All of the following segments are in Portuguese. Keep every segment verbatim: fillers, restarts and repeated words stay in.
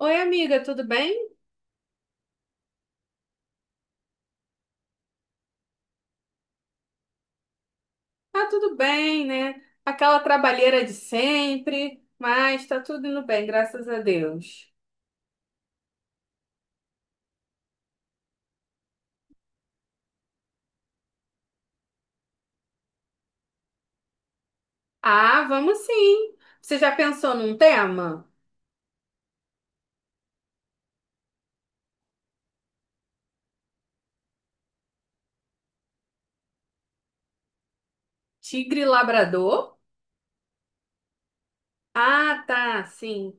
Oi, amiga, tudo bem? Tá tudo bem, né? Aquela trabalheira de sempre, mas tá tudo indo bem, graças a Deus. Ah, vamos sim. Você já pensou num tema? Tigre labrador? Ah, tá, sim.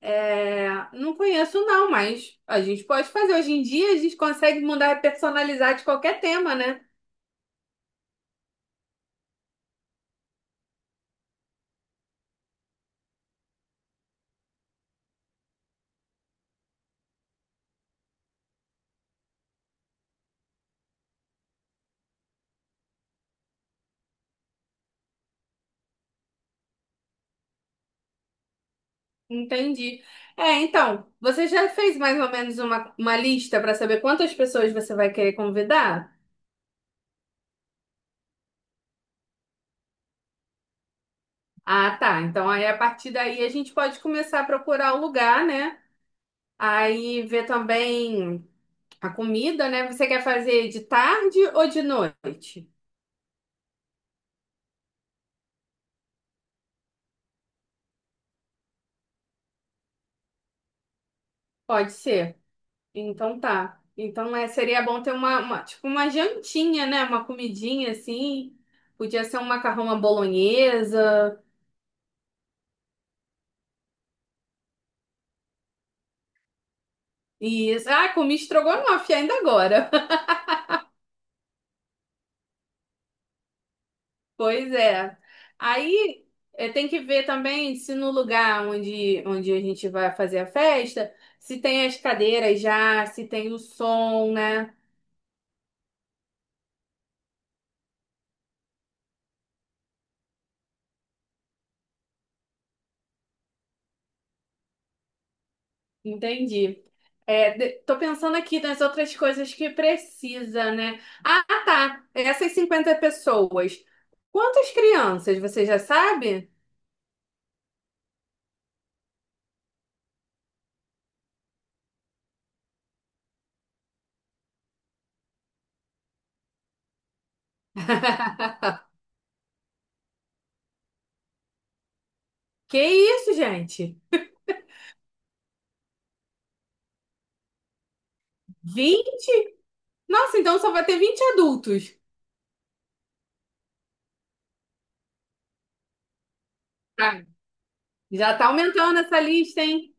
É, não conheço não, mas a gente pode fazer. Hoje em dia a gente consegue mudar e personalizar de qualquer tema, né? Entendi. É, então, você já fez mais ou menos uma, uma lista para saber quantas pessoas você vai querer convidar? Ah, tá. Então aí a partir daí a gente pode começar a procurar o lugar, né? Aí ver também a comida, né? Você quer fazer de tarde ou de noite? Pode ser. Então tá. Então é, seria bom ter uma, uma- tipo uma jantinha, né? Uma comidinha assim. Podia ser um macarrão à bolonhesa. Isso. Ah, comi estrogonofe ainda agora. Pois é. Aí eh, tem que ver também se no lugar onde, onde a gente vai fazer a festa, se tem as cadeiras já, se tem o som, né? Entendi. É, de- tô pensando aqui nas outras coisas que precisa, né? Ah, tá. Essas cinquenta pessoas. Quantas crianças, você já sabe? Que isso, gente? vinte Nossa, então só vai ter vinte adultos. Ah, já tá aumentando essa lista, hein?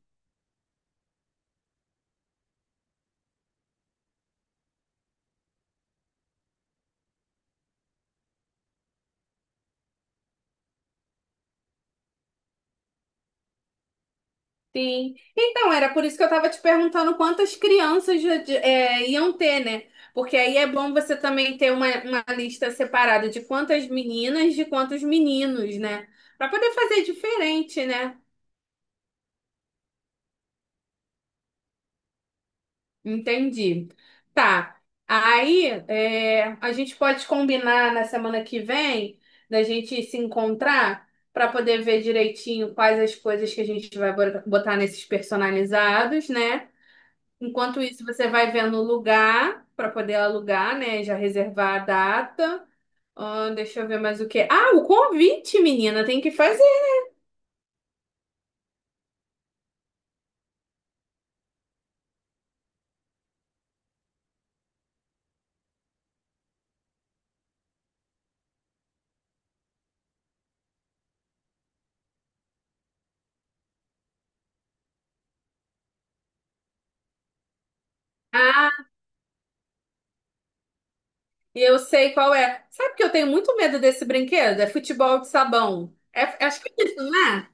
Sim. Então, era por isso que eu estava te perguntando quantas crianças já de- é, iam ter, né? Porque aí é bom você também ter uma, uma lista separada de quantas meninas, de quantos meninos, né? Para poder fazer diferente, né? Entendi. Tá. Aí, é, a gente pode combinar na semana que vem da gente se encontrar para poder ver direitinho quais as coisas que a gente vai bo- botar nesses personalizados, né? Enquanto isso, você vai vendo o lugar para poder alugar, né? Já reservar a data. Ah, deixa eu ver mais o que. Ah, o convite, menina, tem que fazer. Ah, eu sei qual é. Sabe que eu tenho muito medo desse brinquedo? É futebol de sabão. É- é, acho que é isso, não é?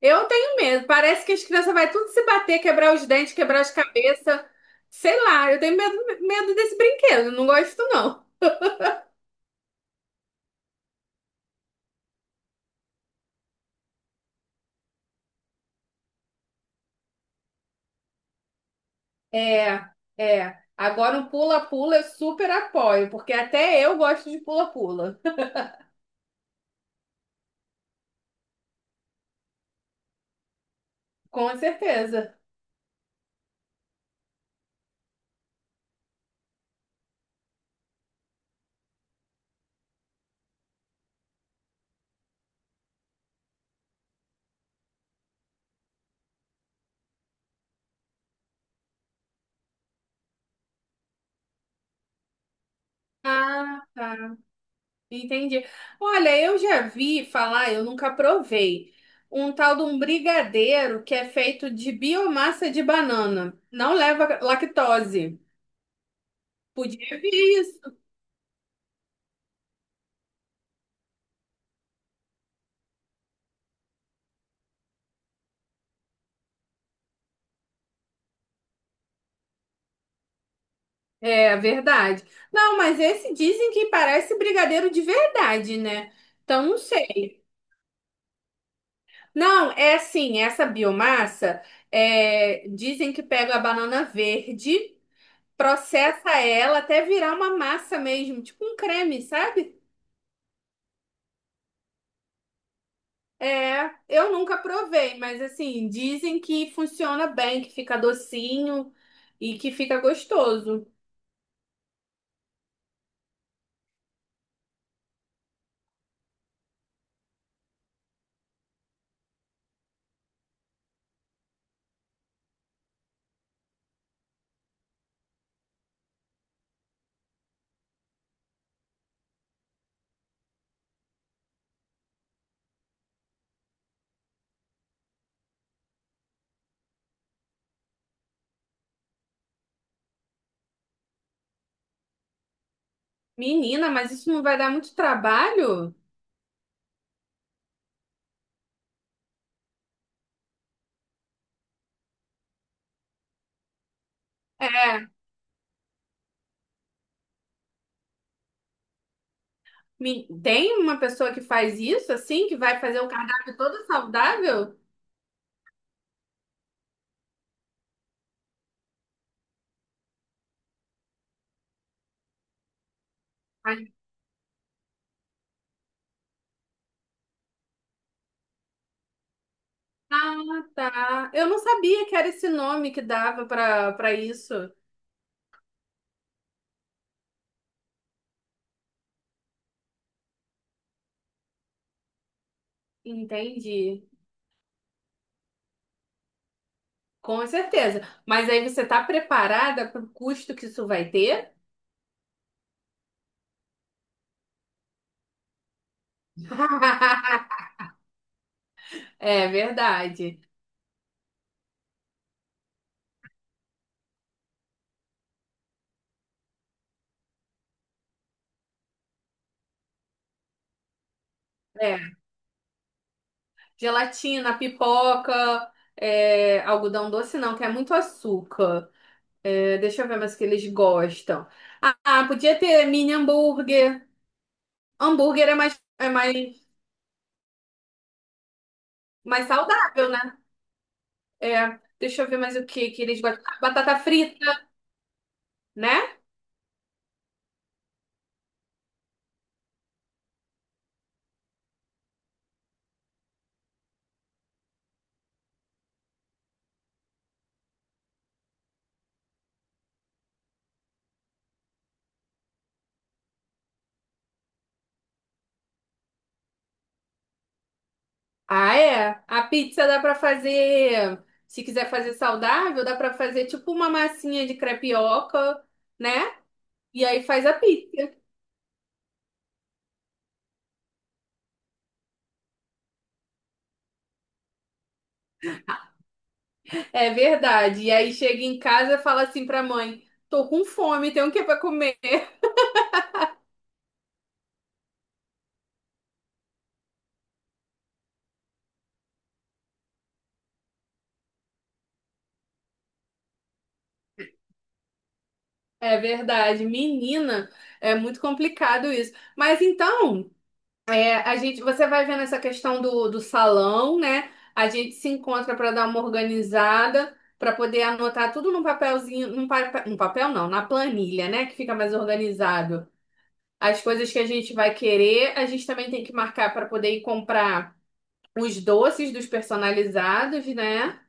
Eu tenho medo. Parece que as crianças vão tudo se bater, quebrar os dentes, quebrar as cabeças. Sei lá, eu tenho medo, medo desse brinquedo. Não gosto, não. É, é. Agora o pula-pula eu super apoio, porque até eu gosto de pula-pula. Com certeza. Ah, tá. Entendi. Olha, eu já vi falar, eu nunca provei, um tal de um brigadeiro que é feito de biomassa de banana. Não leva lactose. Podia vir isso. É verdade. Não, mas esse dizem que parece brigadeiro de verdade, né? Então não sei. Não, é assim, essa biomassa, é, dizem que pega a banana verde, processa ela até virar uma massa mesmo, tipo um creme, sabe? É, eu nunca provei, mas assim, dizem que funciona bem, que fica docinho e que fica gostoso. Menina, mas isso não vai dar muito trabalho? É, me- tem uma pessoa que faz isso assim, que vai fazer um cardápio todo saudável? Ah, tá. Eu não sabia que era esse nome que dava pra para isso. Entendi. Com certeza. Mas aí você tá preparada pro custo que isso vai ter? É verdade. É. Gelatina, pipoca, é, algodão doce não, que é muito açúcar. É, deixa eu ver mais o que eles gostam. Ah, ah, podia ter mini hambúrguer. Hambúrguer é mais, é mais, mais saudável, né? É. Deixa eu ver mais o que que eles gostam. Ah, batata frita, né? Ah, é. A pizza dá pra fazer, se quiser fazer saudável, dá pra fazer tipo uma massinha de crepioca, né? E aí faz a pizza. É verdade. E aí chega em casa e fala assim pra mãe: "Tô com fome, tem o que pra comer?" É verdade. Menina, é muito complicado isso. Mas então, a gente, você vai vendo essa questão do, do salão, né? A gente se encontra para dar uma organizada, para poder anotar tudo num papelzinho, num, pa- num papel não, na planilha, né? Que fica mais organizado. As coisas que a gente vai querer, a gente também tem que marcar para poder ir comprar os doces dos personalizados, né?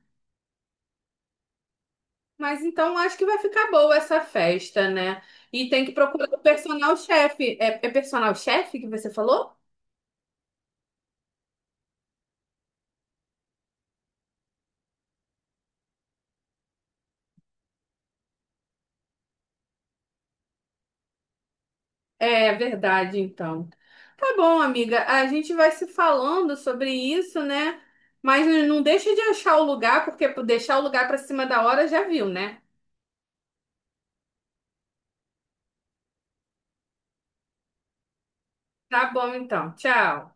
Mas então acho que vai ficar boa essa festa, né? E tem que procurar o personal chefe. É, é personal chefe que você falou? É verdade, então. Tá bom, amiga. A gente vai se falando sobre isso, né? Mas não deixa de achar o lugar, porque por deixar o lugar pra cima da hora já viu, né? Tá bom, então. Tchau.